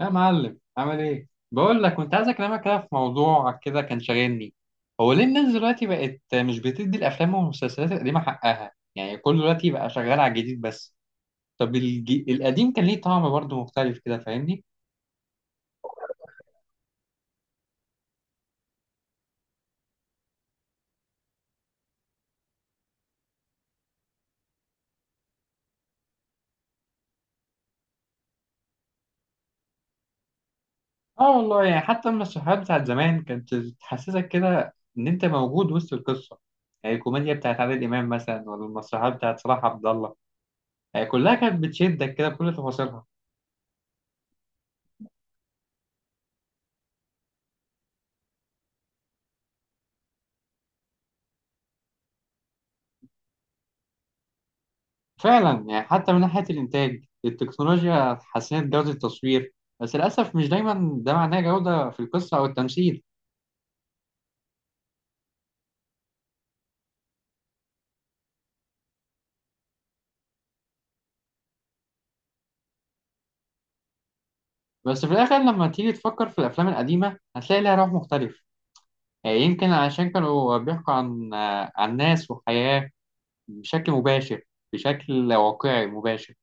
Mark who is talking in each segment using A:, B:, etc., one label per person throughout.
A: يا معلم، عامل ايه؟ بقول لك كنت عايز اكلمك كده في موضوع كده كان شاغلني. هو ليه الناس دلوقتي بقت مش بتدي الافلام والمسلسلات القديمه حقها؟ يعني كل دلوقتي بقى شغال على الجديد بس. طب القديم كان ليه طعم برضه مختلف كده، فاهمني؟ اه والله، يعني حتى المسرحيات بتاعت زمان كانت تحسسك كده ان انت موجود وسط القصه. يعني الكوميديا بتاعت عادل امام مثلا، ولا المسرحيات بتاعت صلاح عبد الله، يعني كلها كانت بتشدك كده بكل تفاصيلها. فعلا، يعني حتى من ناحية الإنتاج التكنولوجيا حسنت جودة التصوير، بس للأسف مش دايما ده معناه جودة في القصة أو التمثيل. بس في الآخر لما تيجي تفكر في الأفلام القديمة هتلاقي لها روح مختلف. يعني يمكن عشان كانوا بيحكوا عن ناس وحياة بشكل مباشر، بشكل واقعي مباشر.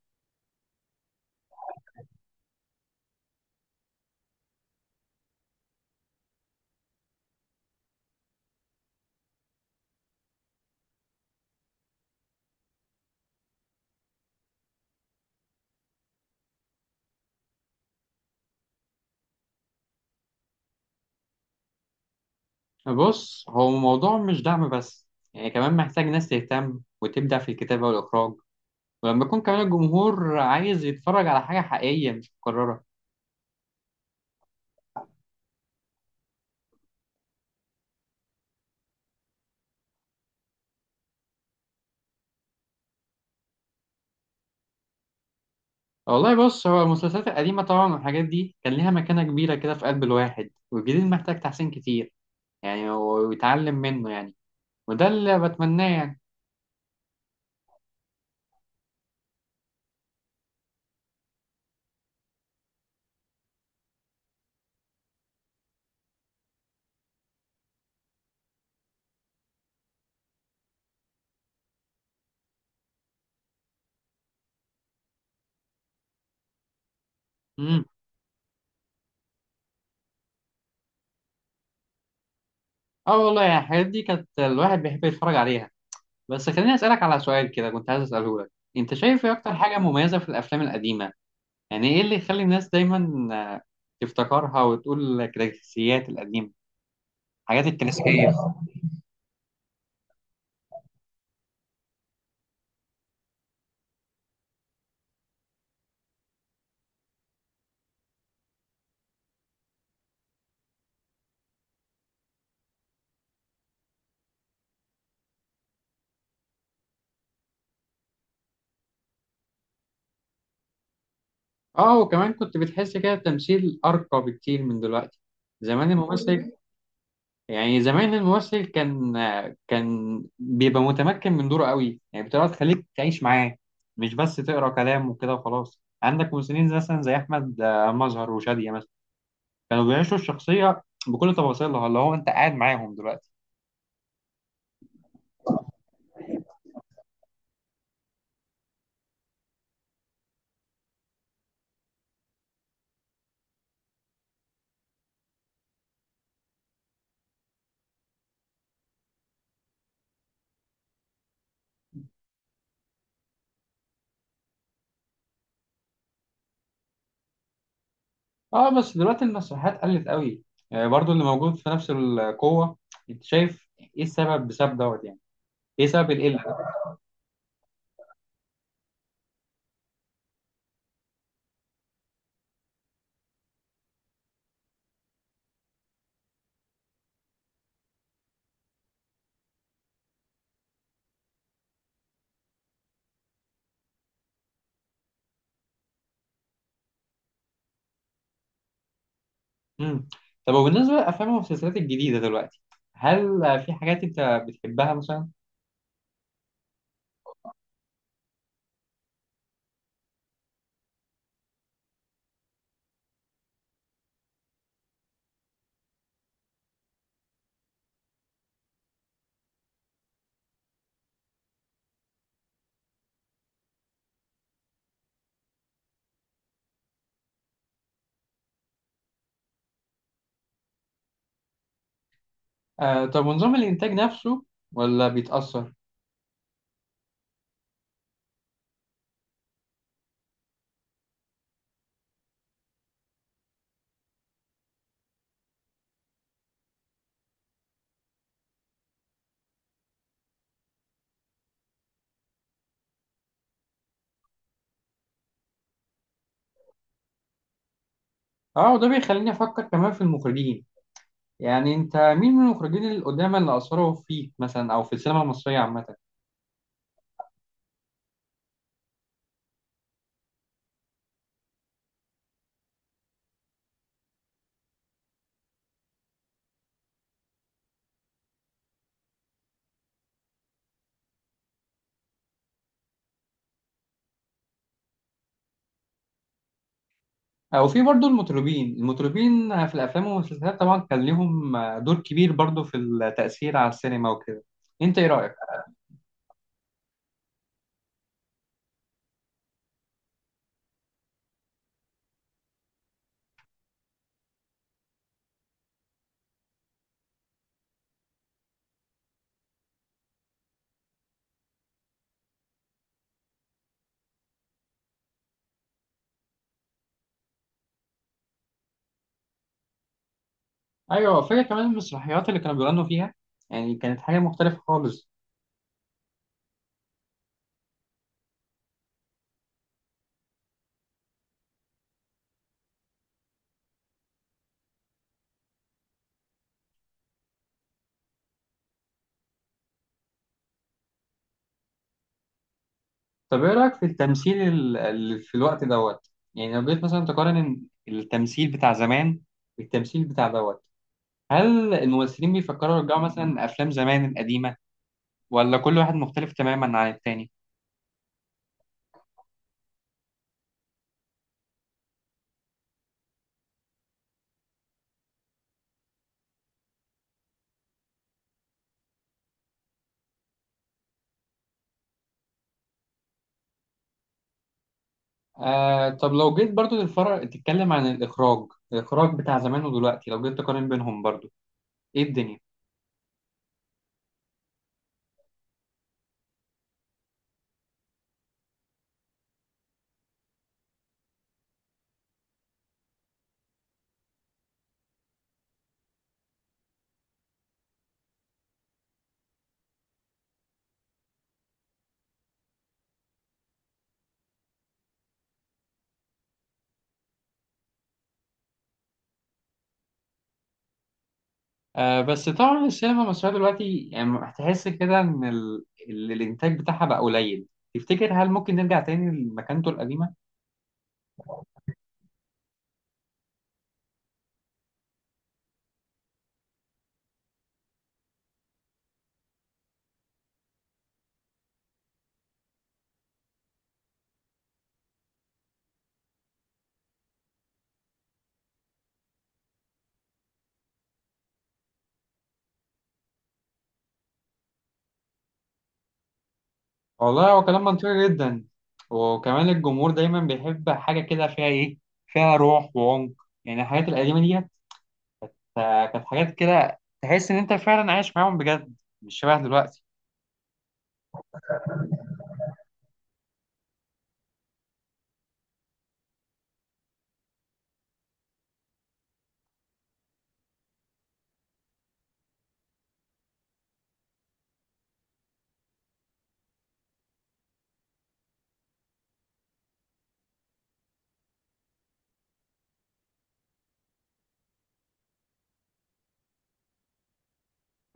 A: بص، هو الموضوع مش دعم بس، يعني كمان محتاج ناس تهتم وتبدع في الكتابة والإخراج، ولما يكون كمان الجمهور عايز يتفرج على حاجة حقيقية مش مكررة. والله بص، هو المسلسلات القديمة طبعا والحاجات دي كان ليها مكانة كبيرة كده في قلب الواحد، والجديد محتاج تحسين كتير، يعني ويتعلم منه يعني، وده اللي بتمناه يعني. امم. اه والله، يعني الحاجات دي كانت الواحد بيحب يتفرج عليها. بس خليني أسألك على سؤال كده كنت عايز أسأله لك. أنت شايف إيه أكتر حاجة مميزة في الأفلام القديمة؟ يعني إيه اللي يخلي الناس دايما آه، تفتكرها وتقول كلاسيكيات القديمة، الحاجات الكلاسيكية. اه وكمان كنت بتحس كده التمثيل أرقى بكتير من دلوقتي. زمان الممثل يعني زمان الممثل كان بيبقى متمكن من دوره قوي، يعني بتبقى تخليك تعيش معاه، مش بس تقرا كلام وكده وخلاص. عندك ممثلين مثلا زي احمد مظهر وشادية مثلا كانوا بيعيشوا الشخصيه بكل تفاصيلها اللي هو انت قاعد معاهم دلوقتي. اه بس دلوقتي المسرحيات قلت قوي، برضو اللي موجود في نفس القوه. انت شايف ايه السبب؟ بسبب دوت يعني، ايه سبب القله؟ امم. طب وبالنسبه للافلام والمسلسلات الجديده دلوقتي، هل في حاجات انت بتحبها مثلا؟ آه طب، ونظام الإنتاج نفسه ولا بيتأثر؟ اه وده بيخليني أفكر كمان في المخرجين. يعني أنت مين من المخرجين القدامى اللي أثروا فيك مثلا أو في السينما المصرية عامة؟ أو في برضو المطربين، المطربين في الأفلام والمسلسلات طبعا كان ليهم دور كبير برضو في التأثير على السينما وكده، أنت إيه رأيك؟ أيوه، فاكر كمان المسرحيات اللي كانوا بيغنوا فيها، يعني كانت حاجة مختلفة خالص. طب ايه رأيك في التمثيل في الوقت دوت؟ يعني لو جيت مثلا تقارن إن التمثيل بتاع زمان بالتمثيل بتاع دوت، هل الممثلين بيفكروا يرجعوا مثلا افلام زمان القديمة، ولا كل واحد مختلف تماما عن التاني؟ آه طب، لو جيت برضو للفرق تتكلم عن الإخراج، الإخراج بتاع زمان ودلوقتي لو جيت تقارن بينهم برضو، ايه الدنيا؟ آه بس طبعا السينما المصرية دلوقتي يعني هتحس كده ان الإنتاج بتاعها بقى قليل. تفتكر هل ممكن نرجع تاني لمكانته القديمة؟ والله هو كلام منطقي جدا. وكمان الجمهور دايما بيحب حاجة كده فيها إيه؟ فيها روح وعمق. يعني الحاجات القديمة ديت كانت حاجات كده تحس إن أنت فعلا عايش معاهم بجد، مش شبه دلوقتي.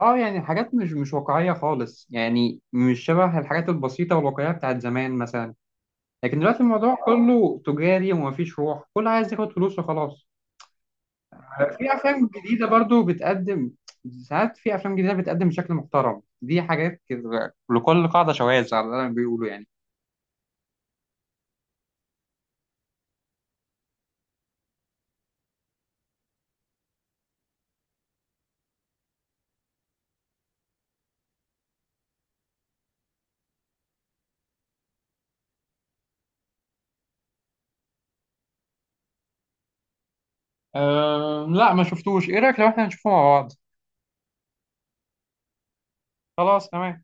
A: اه يعني حاجات مش واقعية خالص، يعني مش شبه الحاجات البسيطة والواقعية بتاعت زمان مثلا. لكن دلوقتي الموضوع كله تجاري ومفيش روح، كله عايز ياخد فلوس وخلاص. في افلام جديده برضو بتقدم، ساعات في افلام جديده بتقدم بشكل محترم. دي حاجات كده لكل قاعده شواذ على اللي أنا بيقولوا يعني. أه لا، ما شفتوش. ايه رايك لو احنا نشوفه مع بعض؟ خلاص تمام.